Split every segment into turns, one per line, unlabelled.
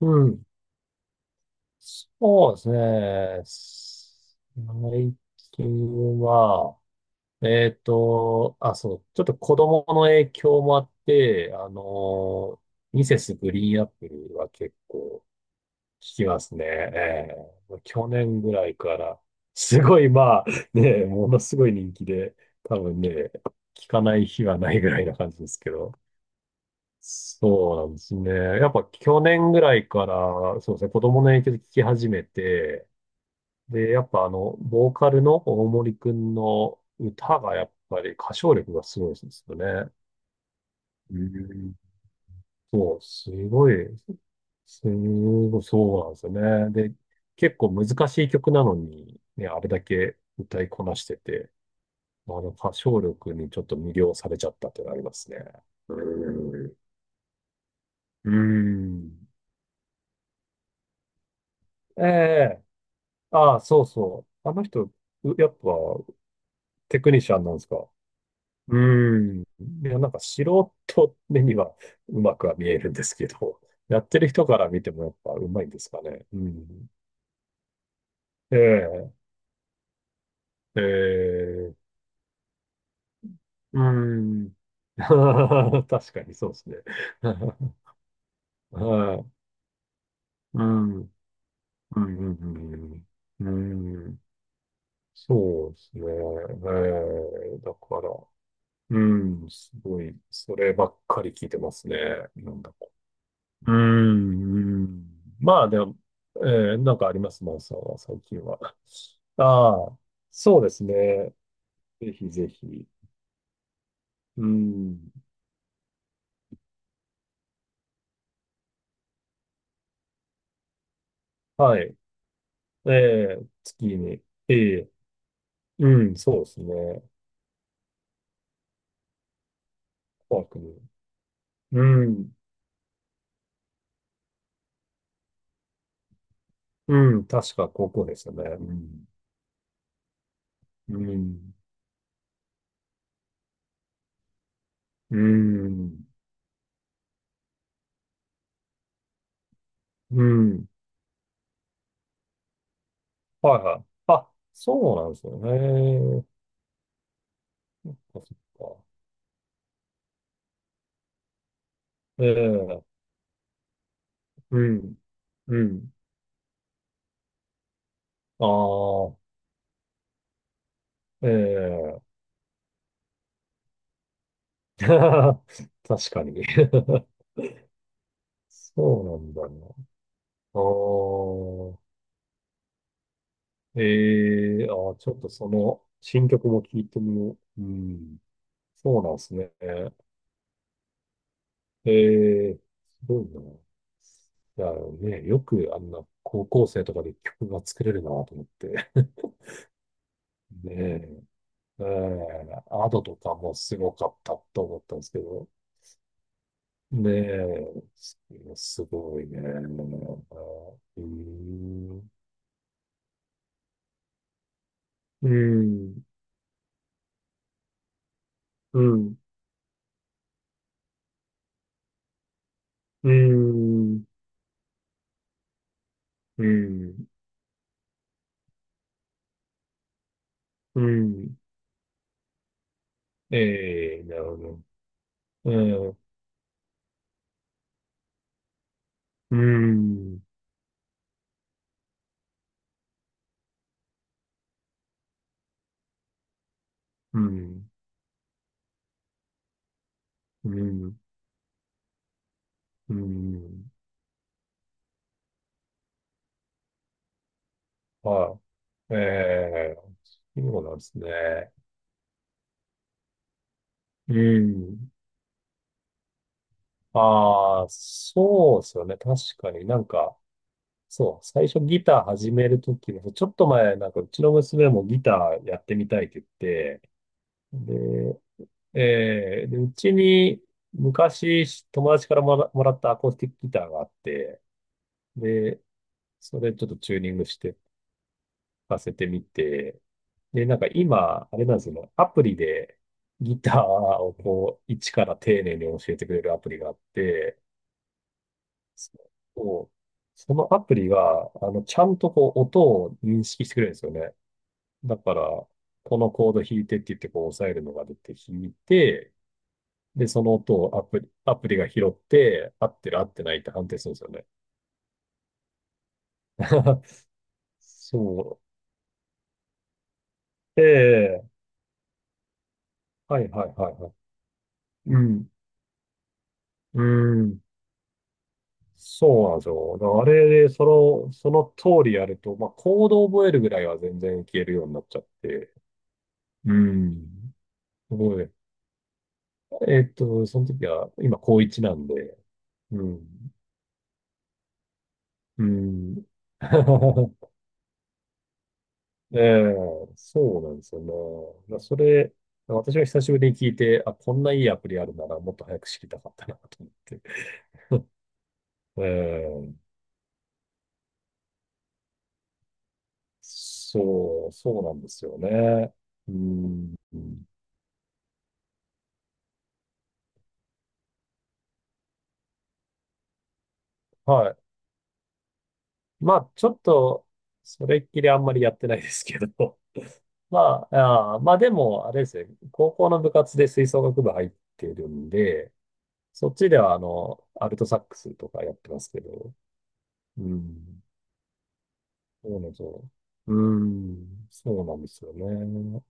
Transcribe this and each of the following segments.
うん。そうですね。最近は、あ、そう、ちょっと子供の影響もあって、ミセスグリーンアップルは結構聞きますね。ええ、去年ぐらいから、すごい、まあ、ね、ものすごい人気で、多分ね、聞かない日はないぐらいな感じですけど、そうなんですね。やっぱ去年ぐらいから、そうですね、子供の影響で聞き始めて、で、やっぱボーカルの大森くんの歌がやっぱり歌唱力がすごいですよね。うん。そう、すごい、すごい、そうなんですよね。で、結構難しい曲なのに、ね、あれだけ歌いこなしてて、あの歌唱力にちょっと魅了されちゃったっていうのがありますね。うん。うん。ええ。ああ、そうそう。あの人、やっぱテクニシャンなんですか？うーん。いや、なんか素人目にはうまくは見えるんですけど、やってる人から見てもやっぱうまいんですかね。うん。ええ、ええ、うん。確かにそうですね。はい。うん。うん、うん、うん。うん。そうですね。ええ、だから。うん、すごい、そればっかり聞いてますね。なんだか。うん、うん。まあでも、えなんかあります、マンさんは、最近は？ああ、そうですね。ぜひぜひ。うん、はい。ええ、月に。ええ、うん、そうですね。紅白に。うん、うん、確か高校でしたね。うん、うん、うん、うん。はいはい。あ、そうなんですよね。そっかそっか。ええ、うん、うん。ああ、ええ。確かに。そうなんだな。ああ、ええ、ちょっとその新曲も聞いてみよう。うん。そうなんですね。ええ、すごいな。いやね、よくあんな高校生とかで曲が作れるなと思って。ねえ、ええ、アドとかもすごかったと思ったんですけど。ねえ、すごいね。うん、うん、うん、うん、うん、うん。ええ、なるほど。うん、うん、うん、うん、はい。ええ、そうなんですね。うん。ああ、そうですよね。確かになんか、そう、最初ギター始めるときも、ちょっと前、なんかうちの娘もギターやってみたいって言って、で、で、うちに昔友達からもらったアコースティックギターがあって、で、それちょっとチューニングして聴かせてみて、で、なんか今、あれなんですよね、アプリでギターをこう、一から丁寧に教えてくれるアプリがあって、そう、そのアプリが、ちゃんとこう、音を認識してくれるんですよね。だから、このコード弾いてって言って、こう押さえるのが出て弾いて、で、その音をアプリが拾って、合ってる合ってないって判定するんですよね。そう。ええ、はいはいはいはい。うん。うん。そうなんですよ。だからあれで、その通りやると、まあ、コードを覚えるぐらいは全然消えるようになっちゃって。うん。すごい。その時は、今、高一なんで。うん。うん。ええ、そうなんですよね。まあそれ、私が久しぶりに聞いて、あ、こんないいアプリあるならもっと早く知りたかったなと思って。ええ、そうなんですよね。うん、はい。まあ、ちょっと、それっきりあんまりやってないですけど、まあ、まあでも、あれですね、高校の部活で吹奏楽部入ってるんで、そっちでは、アルトサックスとかやってますけど、うん。そうなんですよ。うーん、そうなんですよね。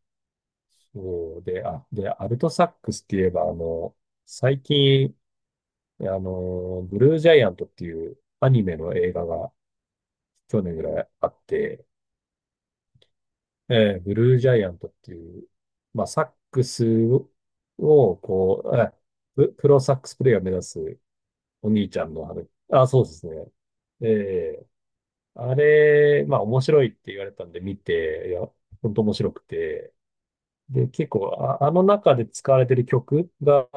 そうで、アルトサックスって言えば、最近、ブルージャイアントっていうアニメの映画が去年ぐらいあって、ブルージャイアントっていう、まあ、サックスを、こう、プロサックスプレイヤーを目指すお兄ちゃんの話、あ、そうですね。えーあれ、まあ面白いって言われたんで見て、いや、本当面白くて、で、結構、あの中で使われてる曲が、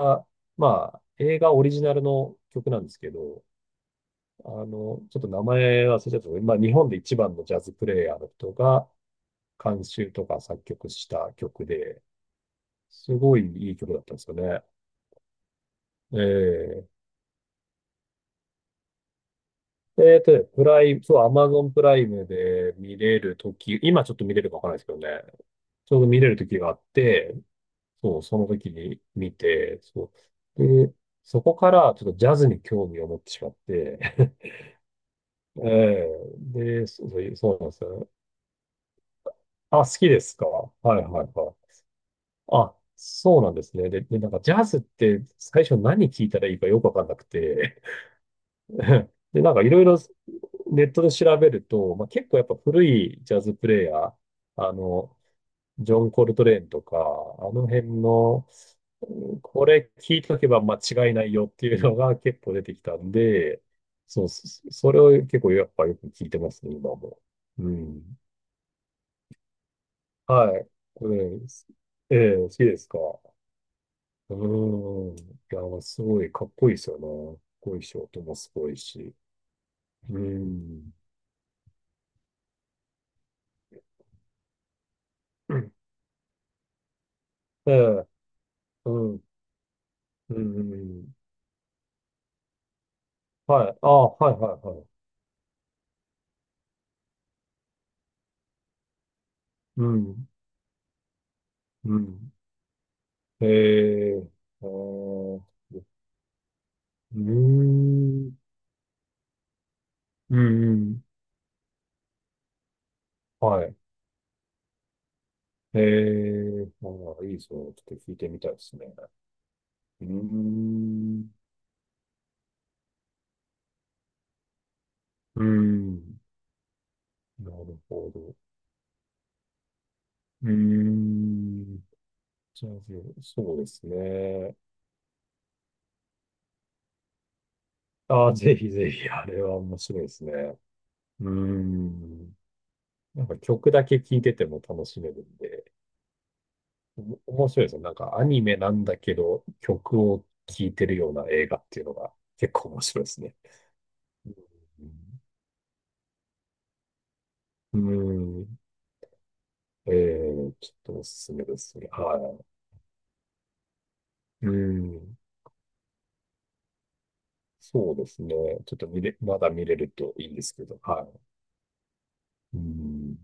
まあ、映画オリジナルの曲なんですけど、ちょっと名前忘れちゃったんですけど、まあ、日本で一番のジャズプレイヤーの人が監修とか作曲した曲で、すごいいい曲だったんですよね。えプライム、そう、アマゾンプライムで見れるとき、今ちょっと見れるかわからないですけどね、ちょうど見れるときがあって、そう、その時に見て、そう。で、そこからちょっとジャズに興味を持ってしまって、ええ、で、そうなんですよね。あ、好きですか？はいはいはい。あ、そうなんですね。で、なんかジャズって最初何聞いたらいいかよくわかんなくて、で、なんかいろいろネットで調べると、まあ、結構やっぱ古いジャズプレイヤー、あの、ジョン・コルトレーンとか、あの辺の、うん、これ聞いとけば間違いないよっていうのが結構出てきたんで、そう、それを結構やっぱよく聞いてますね、今も。うん。はい。これ、ええ好きですか？うーん。いや、すごいかっこいいですよね。かっこいいし、音もすごいし。うーん。うん、ええ、うん、うん、うん。はい。ああ、はい、はい、はい。うん、うん。えーあーうーん、うんうん、はい。えーあいいですね。ちょっと聞いてみたいですね。うーん、うん、なるほど。うーん、じゃあ、そうですね。ああ、ぜひぜひ、あれは面白いですね。うーん、なんか曲だけ聴いてても楽しめるんで。面白いですね。なんかアニメなんだけど、曲を聴いてるような映画っていうのが結構面白いですね。うん。うん。ちょっとおすすめですね。はい。うん。そうですね。ちょっとまだ見れるといいんですけど。はい。うん。